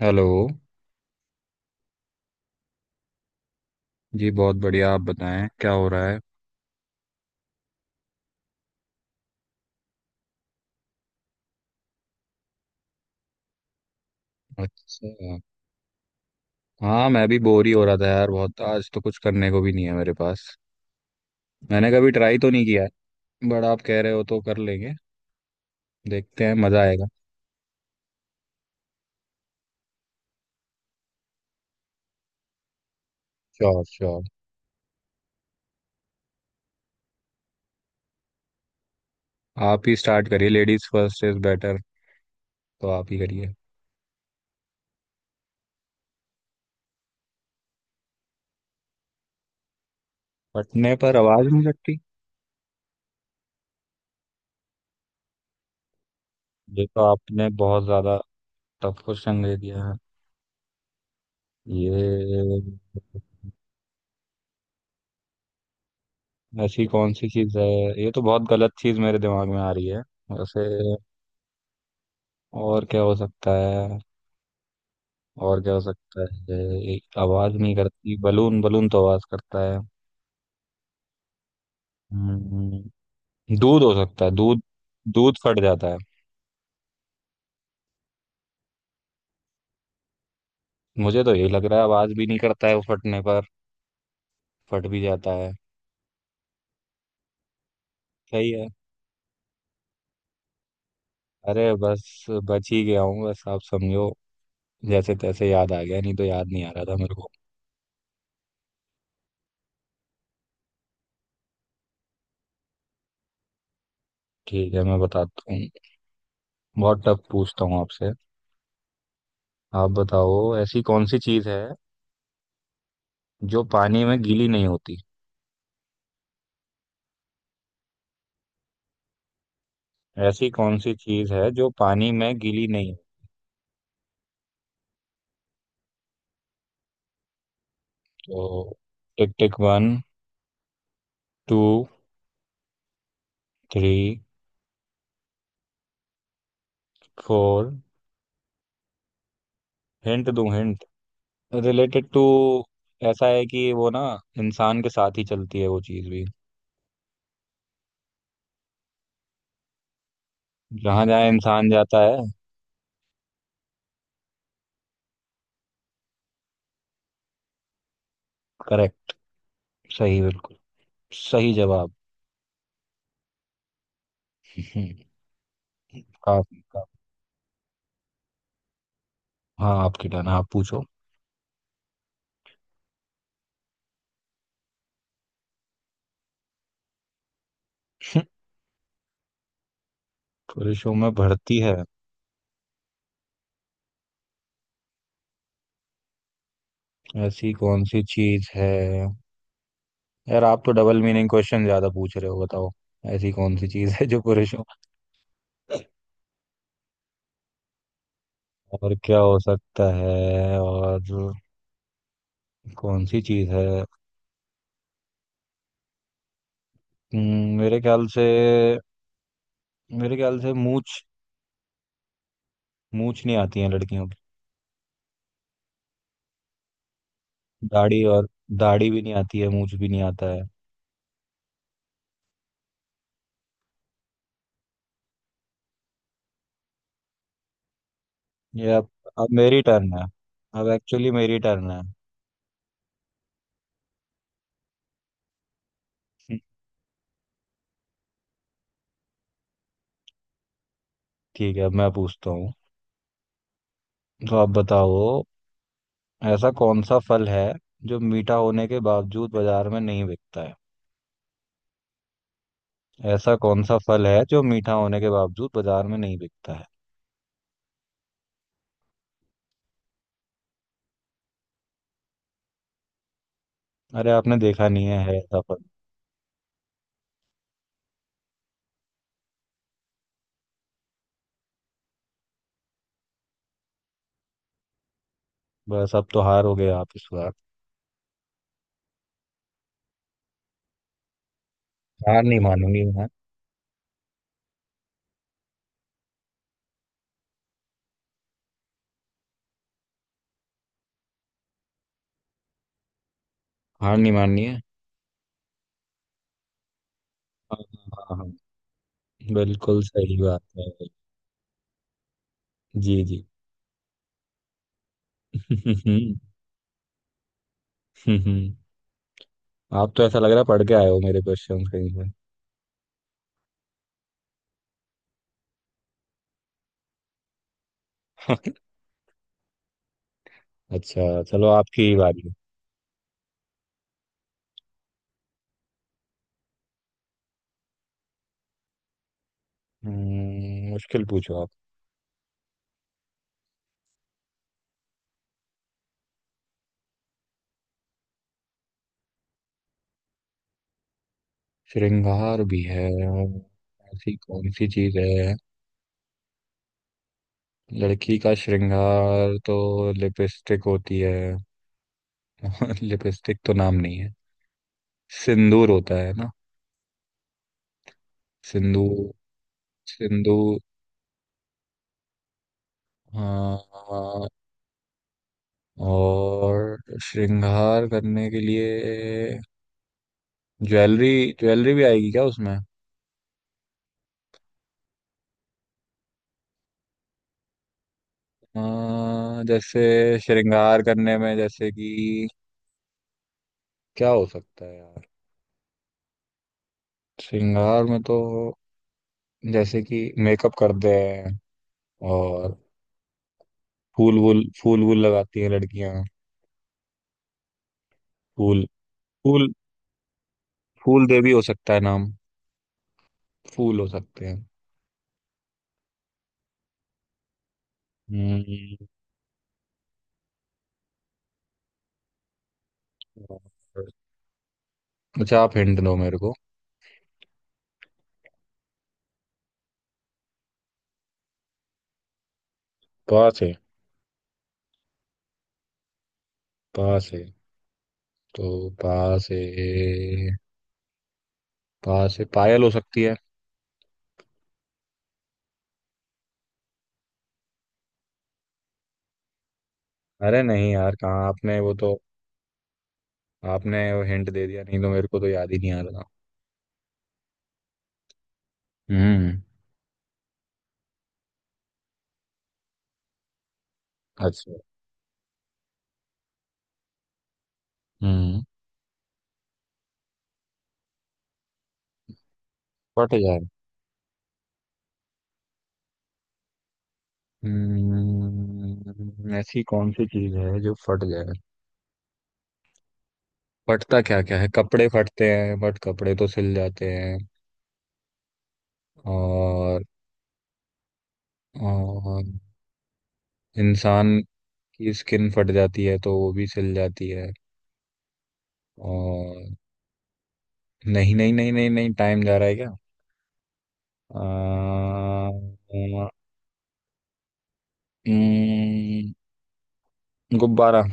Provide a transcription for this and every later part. Hello. जी बहुत बढ़िया। आप बताएं क्या हो रहा है। अच्छा। हाँ मैं भी बोर ही हो रहा था यार, बहुत। आज तो कुछ करने को भी नहीं है मेरे पास। मैंने कभी ट्राई तो नहीं किया है। बट आप कह रहे हो तो कर लेंगे। देखते हैं, मजा आएगा। Sure sure. आप ही स्टार्ट करिए। लेडीज फर्स्ट इज बेटर, तो आप ही करिए। फटने पर आवाज नहीं लगती। ये तो आपने बहुत ज्यादा टफ क्वेश्चन दे दिया है। ये, ऐसी कौन सी चीज है। ये तो बहुत गलत चीज मेरे दिमाग में आ रही है वैसे। और क्या हो सकता है, और क्या हो सकता है। एक आवाज नहीं करती। बलून, बलून तो आवाज करता है। हम्म, दूध हो सकता है दूध। दूध फट जाता है। मुझे तो यही लग रहा है, आवाज भी नहीं करता है वो फटने पर, फट भी जाता है। सही है। अरे बस बच ही गया हूँ बस, आप समझो। जैसे तैसे याद आ गया, नहीं तो याद नहीं आ रहा था मेरे को। ठीक है, मैं बताता हूँ। बहुत टफ पूछता हूँ आपसे। आप बताओ, ऐसी कौन सी चीज है जो पानी में गीली नहीं होती। ऐसी कौन सी चीज है जो पानी में गीली नहीं होती। तो, tick tick one, two, three, four. Hint दूं हिंट। रिलेटेड टू, ऐसा है कि वो ना इंसान के साथ ही चलती है वो चीज भी। जहां जहां इंसान जाता है। करेक्ट। सही, बिल्कुल सही जवाब। हम्म। काफी काफी। हाँ आपकी टर्न, आप पूछो। पुरुषों में बढ़ती है। ऐसी कौन सी चीज है। यार आप तो डबल मीनिंग क्वेश्चन ज्यादा पूछ रहे हो, बताओ। ऐसी कौन सी चीज है जो पुरुषों, और क्या हो सकता है, और कौन सी चीज है। मेरे ख्याल से, मेरे ख्याल से मूछ। मूछ नहीं आती है लड़कियों की। दाढ़ी, और दाढ़ी भी नहीं आती है, मूछ भी नहीं आता है। ये अब मेरी टर्न है। अब एक्चुअली मेरी टर्न है। हम्म। ठीक है, अब मैं पूछता हूँ। तो आप बताओ, ऐसा कौन सा फल है जो मीठा होने के बावजूद बाजार में नहीं बिकता है। ऐसा कौन सा फल है जो मीठा होने के बावजूद बाजार में नहीं बिकता है। अरे आपने देखा नहीं है, है ऐसा फल। बस अब तो हार हो गए आप इस बार। हार नहीं मानूंगी मैं। हार नहीं माननी है। हाँ। हाँ हाँ हाँ, बिल्कुल सही बात है। जी जी। आप तो ऐसा लग रहा है पढ़ के आए हो मेरे क्वेश्चन कहीं से। अच्छा चलो, आपकी बारी है। मुश्किल पूछो आप। श्रृंगार भी है। ऐसी कौन सी चीज है। लड़की का श्रृंगार तो लिपस्टिक होती है। लिपस्टिक तो नाम नहीं है। सिंदूर होता है ना। सिंदूर, सिंदूर। हाँ। और श्रृंगार करने के लिए, ज्वेलरी। ज्वेलरी भी आएगी क्या उसमें। जैसे श्रृंगार करने में, जैसे कि, क्या हो सकता है यार। श्रृंगार में तो, जैसे कि मेकअप करते हैं, और फूल वूल लगाती हैं लड़कियां। फूल, फूल, फूल देवी हो सकता है नाम। फूल हो सकते हैं। हम्म। और- अच्छा, आप हिंट दो मेरे को। पास है। पास है तो, पास है। पा से पायल हो सकती है। अरे नहीं यार, कहाँ। आपने वो तो, आपने वो हिंट दे दिया, नहीं तो मेरे को तो याद ही नहीं आ रहा था। हम्म। अच्छा। हम्म। फट जाए। ऐसी कौन सी चीज है जो फट जाए। फटता क्या क्या है, कपड़े फटते हैं, बट कपड़े तो सिल जाते हैं। और, और, इंसान की स्किन फट जाती है तो वो भी सिल जाती है। और नहीं नहीं नहीं नहीं नहीं, टाइम जा रहा है क्या। आ, गुब्बारा।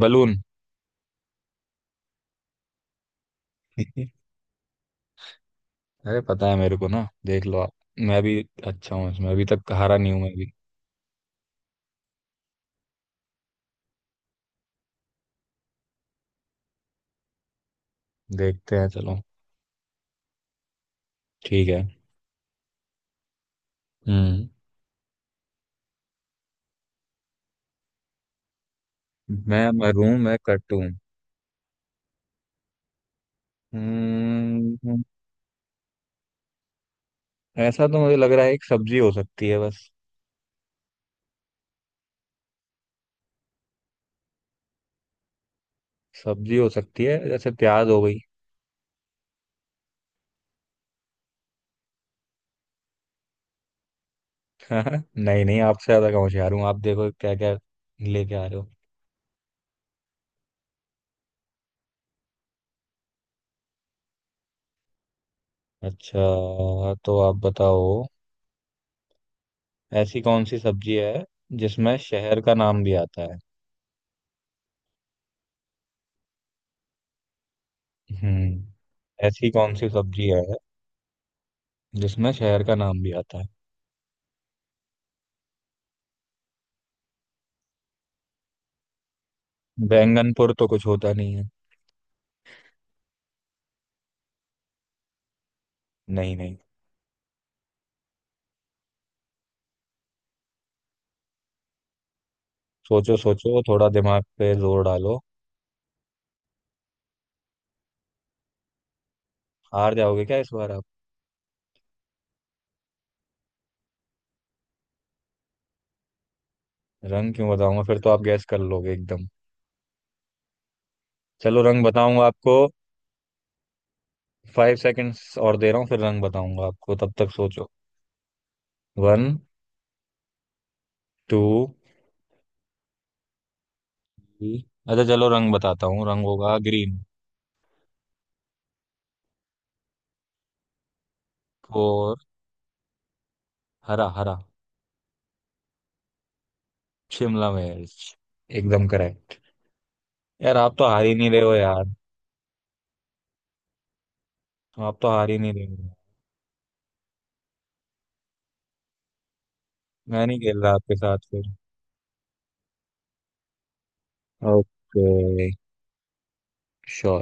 बलून। अरे पता है मेरे को ना, देख लो आप। मैं भी अच्छा हूँ इसमें, अभी तक हारा नहीं हूं मैं भी। देखते हैं चलो। ठीक है। हम्म। मैं मरूं, मैं कटूं। हम्म। ऐसा तो मुझे लग रहा है एक सब्जी हो सकती है बस। सब्जी हो सकती है, जैसे प्याज हो गई। नहीं नहीं, आपसे ज्यादा कहाँ होशियार हूँ। आप देखो क्या क्या लेके आ रहे हो। अच्छा, तो आप बताओ, ऐसी कौन सी सब्जी है जिसमें शहर का नाम भी आता है। ऐसी कौन सी सब्जी है जिसमें शहर का नाम भी आता है। बैंगनपुर तो कुछ होता नहीं है। नहीं नहीं। सोचो सोचो, थोड़ा दिमाग पे जोर डालो। हार जाओगे क्या इस बार आप। रंग क्यों बताऊंगा, फिर तो आप गैस कर लोगे एकदम। चलो रंग बताऊंगा आपको, 5 सेकंड्स और दे रहा हूँ, फिर रंग बताऊंगा आपको, तब तक सोचो। One, two, three. अच्छा चलो, रंग बताता हूँ। रंग होगा ग्रीन। और हरा, हरा। शिमला मिर्च। एकदम करेक्ट। यार आप तो हार ही नहीं रहे हो यार। आप तो हार ही नहीं रहे हो। मैं नहीं खेल रहा आपके साथ फिर। ओके। श्योर।